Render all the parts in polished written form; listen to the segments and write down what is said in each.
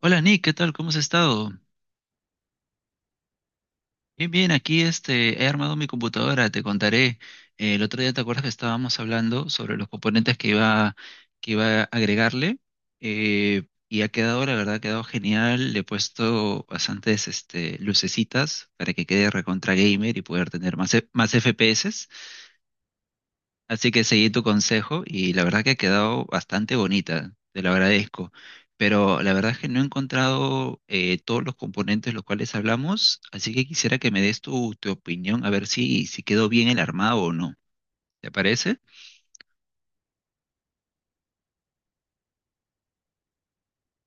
Hola Nick, ¿qué tal? ¿Cómo has estado? Bien, bien, aquí este, he armado mi computadora, te contaré. El otro día, ¿te acuerdas que estábamos hablando sobre los componentes que iba a agregarle? Y ha quedado, la verdad, ha quedado genial. Le he puesto bastantes este, lucecitas para que quede recontra gamer y poder tener más, más FPS. Así que seguí tu consejo y la verdad que ha quedado bastante bonita, te lo agradezco. Pero la verdad es que no he encontrado todos los componentes los cuales hablamos, así que quisiera que me des tu opinión, a ver si quedó bien el armado o no. ¿Te parece?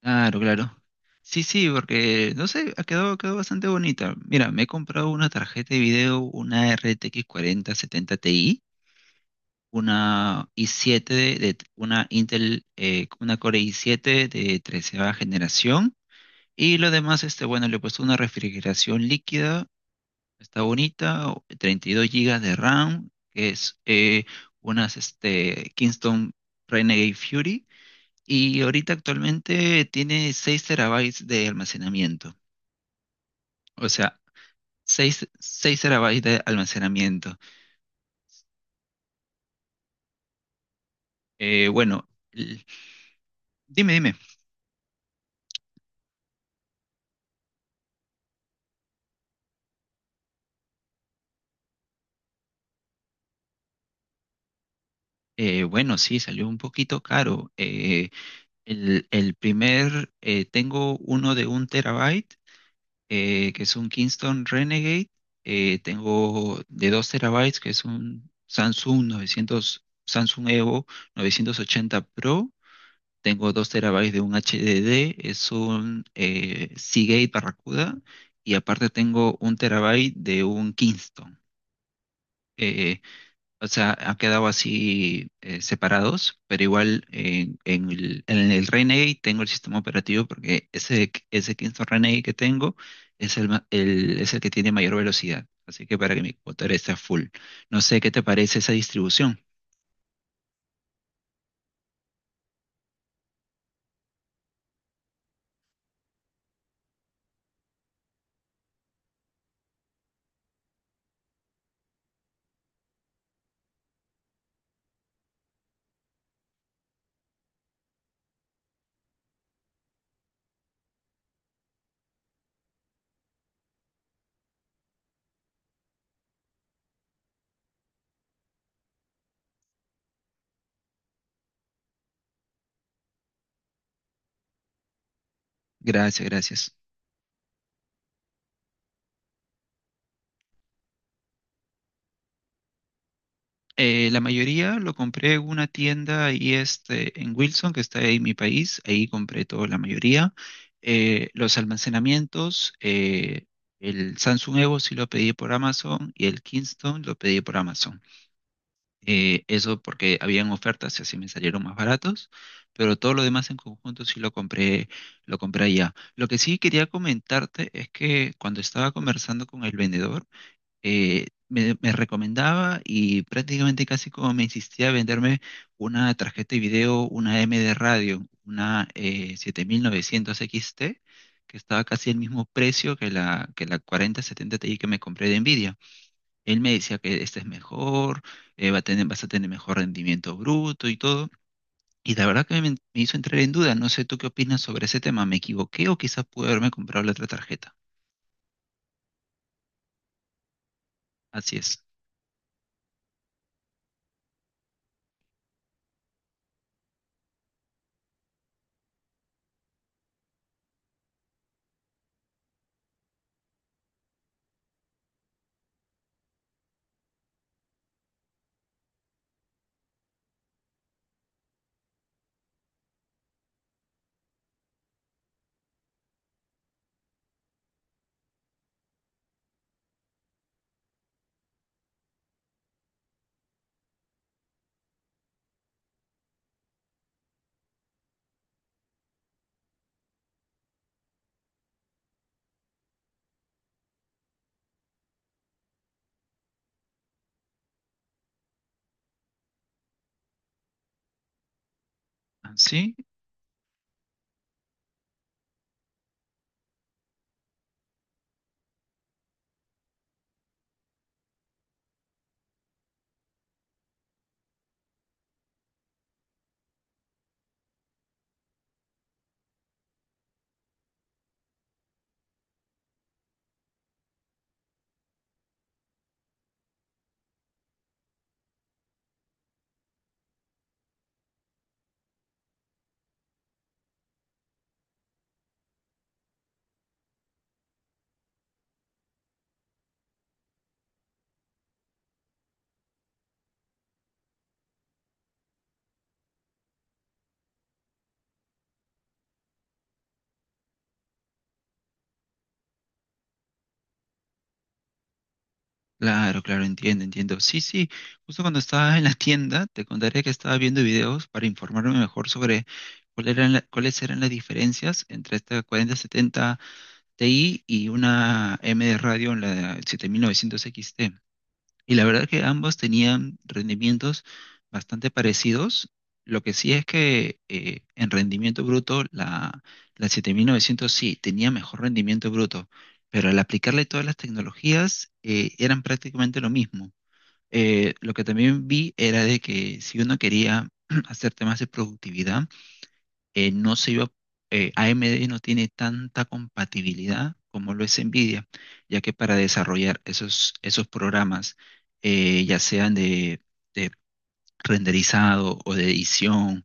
Claro, claro. Sí, sí, porque no sé, ha quedado bastante bonita. Mira, me he comprado una tarjeta de video, una RTX 4070 Ti. Una i7 de una Intel, una Core i7 de 13 generación. Y lo demás, este, bueno, le he puesto una refrigeración líquida, está bonita, 32 gigas de RAM, que es unas este, Kingston Renegade Fury. Y ahorita actualmente tiene 6 terabytes de almacenamiento. O sea, seis terabytes de almacenamiento. Eh, bueno, l- Dime, dime. Bueno, sí, salió un poquito caro. Tengo uno de 1 terabyte, que es un Kingston Renegade. Tengo de 2 terabytes, que es un Samsung 900, Samsung Evo 980 Pro. Tengo 2 terabytes de un HDD, es un Seagate Barracuda. Y aparte tengo 1 terabyte de un Kingston. Eh, Ha quedado así separados, pero igual en el Renegade tengo el sistema operativo porque ese Kingston Renegade que tengo es el que tiene mayor velocidad. Así que para que mi computadora esté a full. No sé qué te parece esa distribución. Gracias, gracias. La mayoría lo compré en una tienda ahí este, en Wilson, que está ahí en mi país. Ahí compré toda la mayoría. Los almacenamientos, el Samsung Evo sí lo pedí por Amazon y el Kingston lo pedí por Amazon. Eso porque habían ofertas y así me salieron más baratos, pero todo lo demás en conjunto sí lo compré allá. Lo que sí quería comentarte es que cuando estaba conversando con el vendedor, me recomendaba y prácticamente casi como me insistía a venderme una tarjeta de video, una M de radio, una 7900 XT, que estaba casi el mismo precio que la 4070 Ti que me compré de Nvidia. Él me decía que esta es mejor, vas a tener mejor rendimiento bruto y todo. Y la verdad que me hizo entrar en duda. No sé tú qué opinas sobre ese tema. ¿Me equivoqué o quizás pude haberme comprado la otra tarjeta? Así es. ¿Así? Claro, claro, entiendo, entiendo. Sí, sí, justo cuando estaba en la tienda, te contaré que estaba viendo videos para informarme mejor sobre cuáles eran las diferencias entre esta 4070 Ti y una M de radio en la 7900 XT. Y la verdad que ambos tenían rendimientos bastante parecidos. Lo que sí es que en rendimiento bruto, la 7900 sí tenía mejor rendimiento bruto, pero al aplicarle todas las tecnologías eran prácticamente lo mismo. Lo que también vi era de que si uno quería hacer temas de productividad, no se iba, AMD no tiene tanta compatibilidad como lo es Nvidia, ya que para desarrollar esos programas, ya sean de renderizado o de edición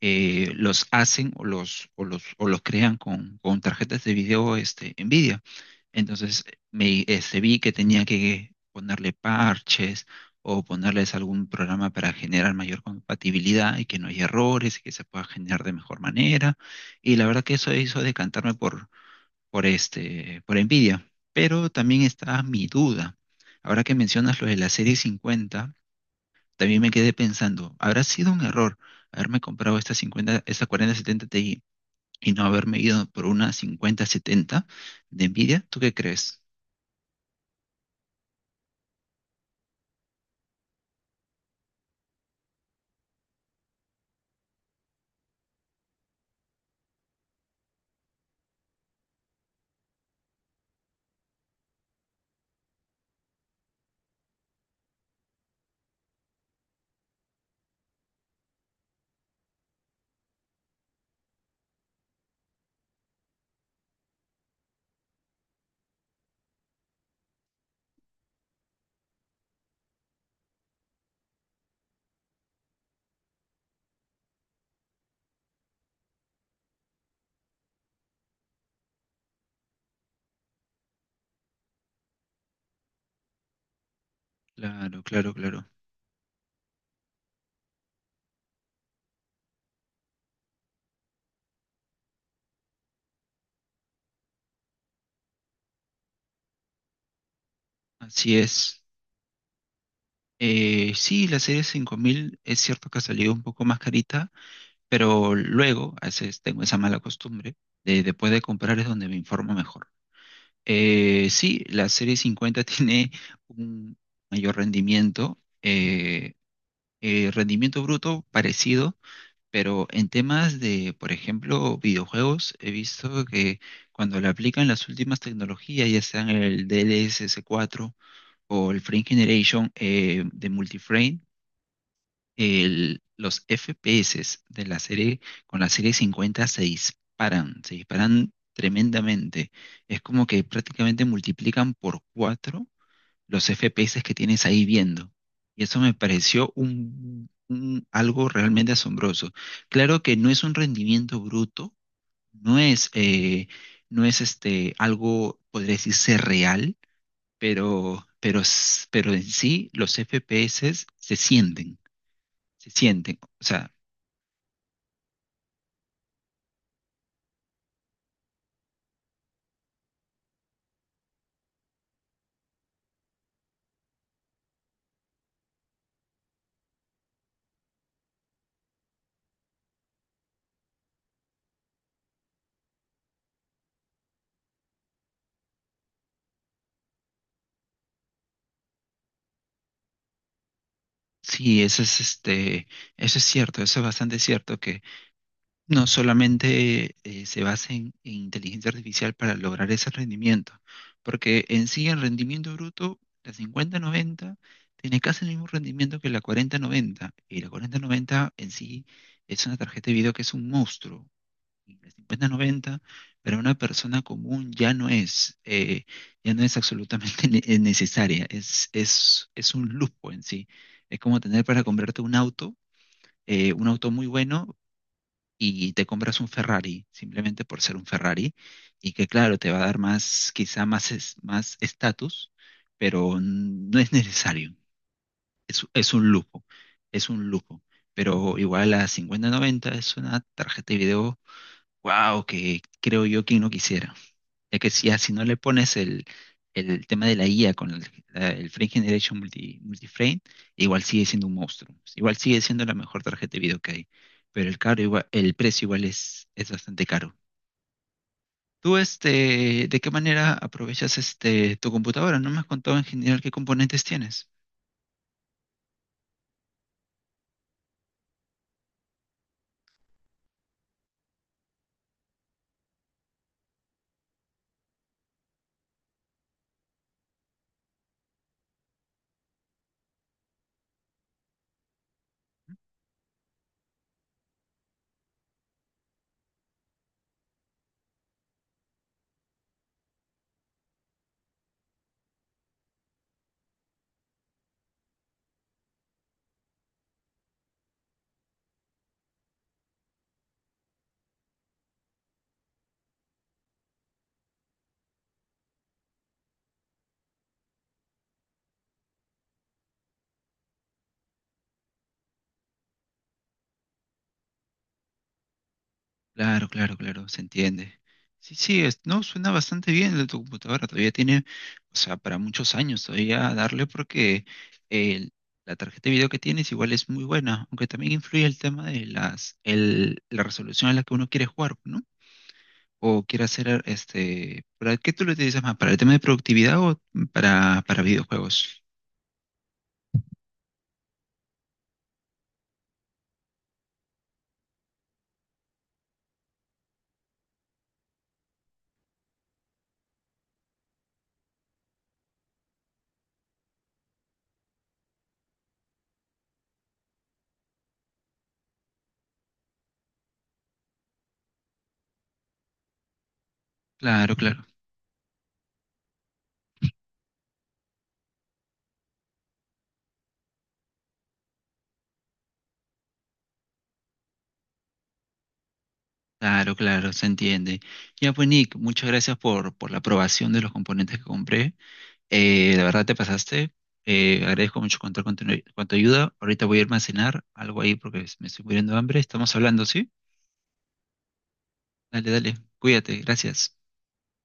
los hacen o los crean con tarjetas de video este, NVIDIA. Entonces me este, vi que tenía que ponerle parches o ponerles algún programa para generar mayor compatibilidad y que no haya errores y que se pueda generar de mejor manera. Y la verdad que eso hizo decantarme este, por NVIDIA. Pero también está mi duda. Ahora que mencionas lo de la serie 50, también me quedé pensando, ¿habrá sido un error haberme comprado esta 50, esta 4070 Ti y no haberme ido por una 5070 de Nvidia? ¿Tú qué crees? Claro, claro, claro. Así es. Sí, la serie 5000 es cierto que ha salido un poco más carita, pero luego, a veces tengo esa mala costumbre, de después de comprar es donde me informo mejor. Sí, la serie 50 tiene un mayor rendimiento, rendimiento bruto parecido. Pero en temas de, por ejemplo, videojuegos, he visto que cuando le aplican las últimas tecnologías, ya sean el dlss cuatro o el Frame Generation de Multiframe, los FPS de la serie con la serie 50 se disparan tremendamente. Es como que prácticamente multiplican por 4 los FPS que tienes ahí viendo. Y eso me pareció un, algo realmente asombroso. Claro que no es un rendimiento bruto, no es, eh, no es este, algo, podría decirse, real, pero, pero en sí los FPS se sienten, se sienten. O sea, sí, eso es, este, eso es cierto, eso es bastante cierto. No solamente se basa en inteligencia artificial para lograr ese rendimiento, porque en sí el rendimiento bruto, la 5090 tiene casi el mismo rendimiento que la 4090 y la 4090 en sí es una tarjeta de video que es un monstruo. Y la 50-90 para una persona común ya no es, ya no es absolutamente necesaria, es un lujo en sí. Es como tener para comprarte un auto muy bueno, y te compras un Ferrari simplemente por ser un Ferrari y que claro, te va a dar más, quizá más más estatus, pero no es necesario. Es un lujo, es un lujo. Pero igual la 5090 es una tarjeta de video. Wow, que creo yo que no quisiera. Es que si, si no le pones el tema de la IA con el Frame Generation Multiframe, igual sigue siendo un monstruo. Igual sigue siendo la mejor tarjeta de video que hay. Pero el caro igual, el precio igual es bastante caro. ¿Tú este, de qué manera aprovechas este tu computadora? No me has contado en general qué componentes tienes. Claro, claro, claro, se entiende. Sí, sí, no, suena bastante bien tu computadora, todavía tiene, o sea, para muchos años todavía a darle porque el- la tarjeta de video que tienes igual es muy buena, aunque también influye el tema de la resolución a la que uno quiere jugar, ¿no? O quiere hacer, este, ¿para qué tú lo utilizas más? ¿Para el tema de productividad o para videojuegos? Claro, claro, claro, claro, se entiende. Ya pues, Nick, muchas gracias por la aprobación de los componentes que compré. La verdad te pasaste. Agradezco mucho contar con tu ayuda. Ahorita voy a irme a cenar algo ahí porque me estoy muriendo de hambre. Estamos hablando, ¿sí? Dale, dale. Cuídate. Gracias.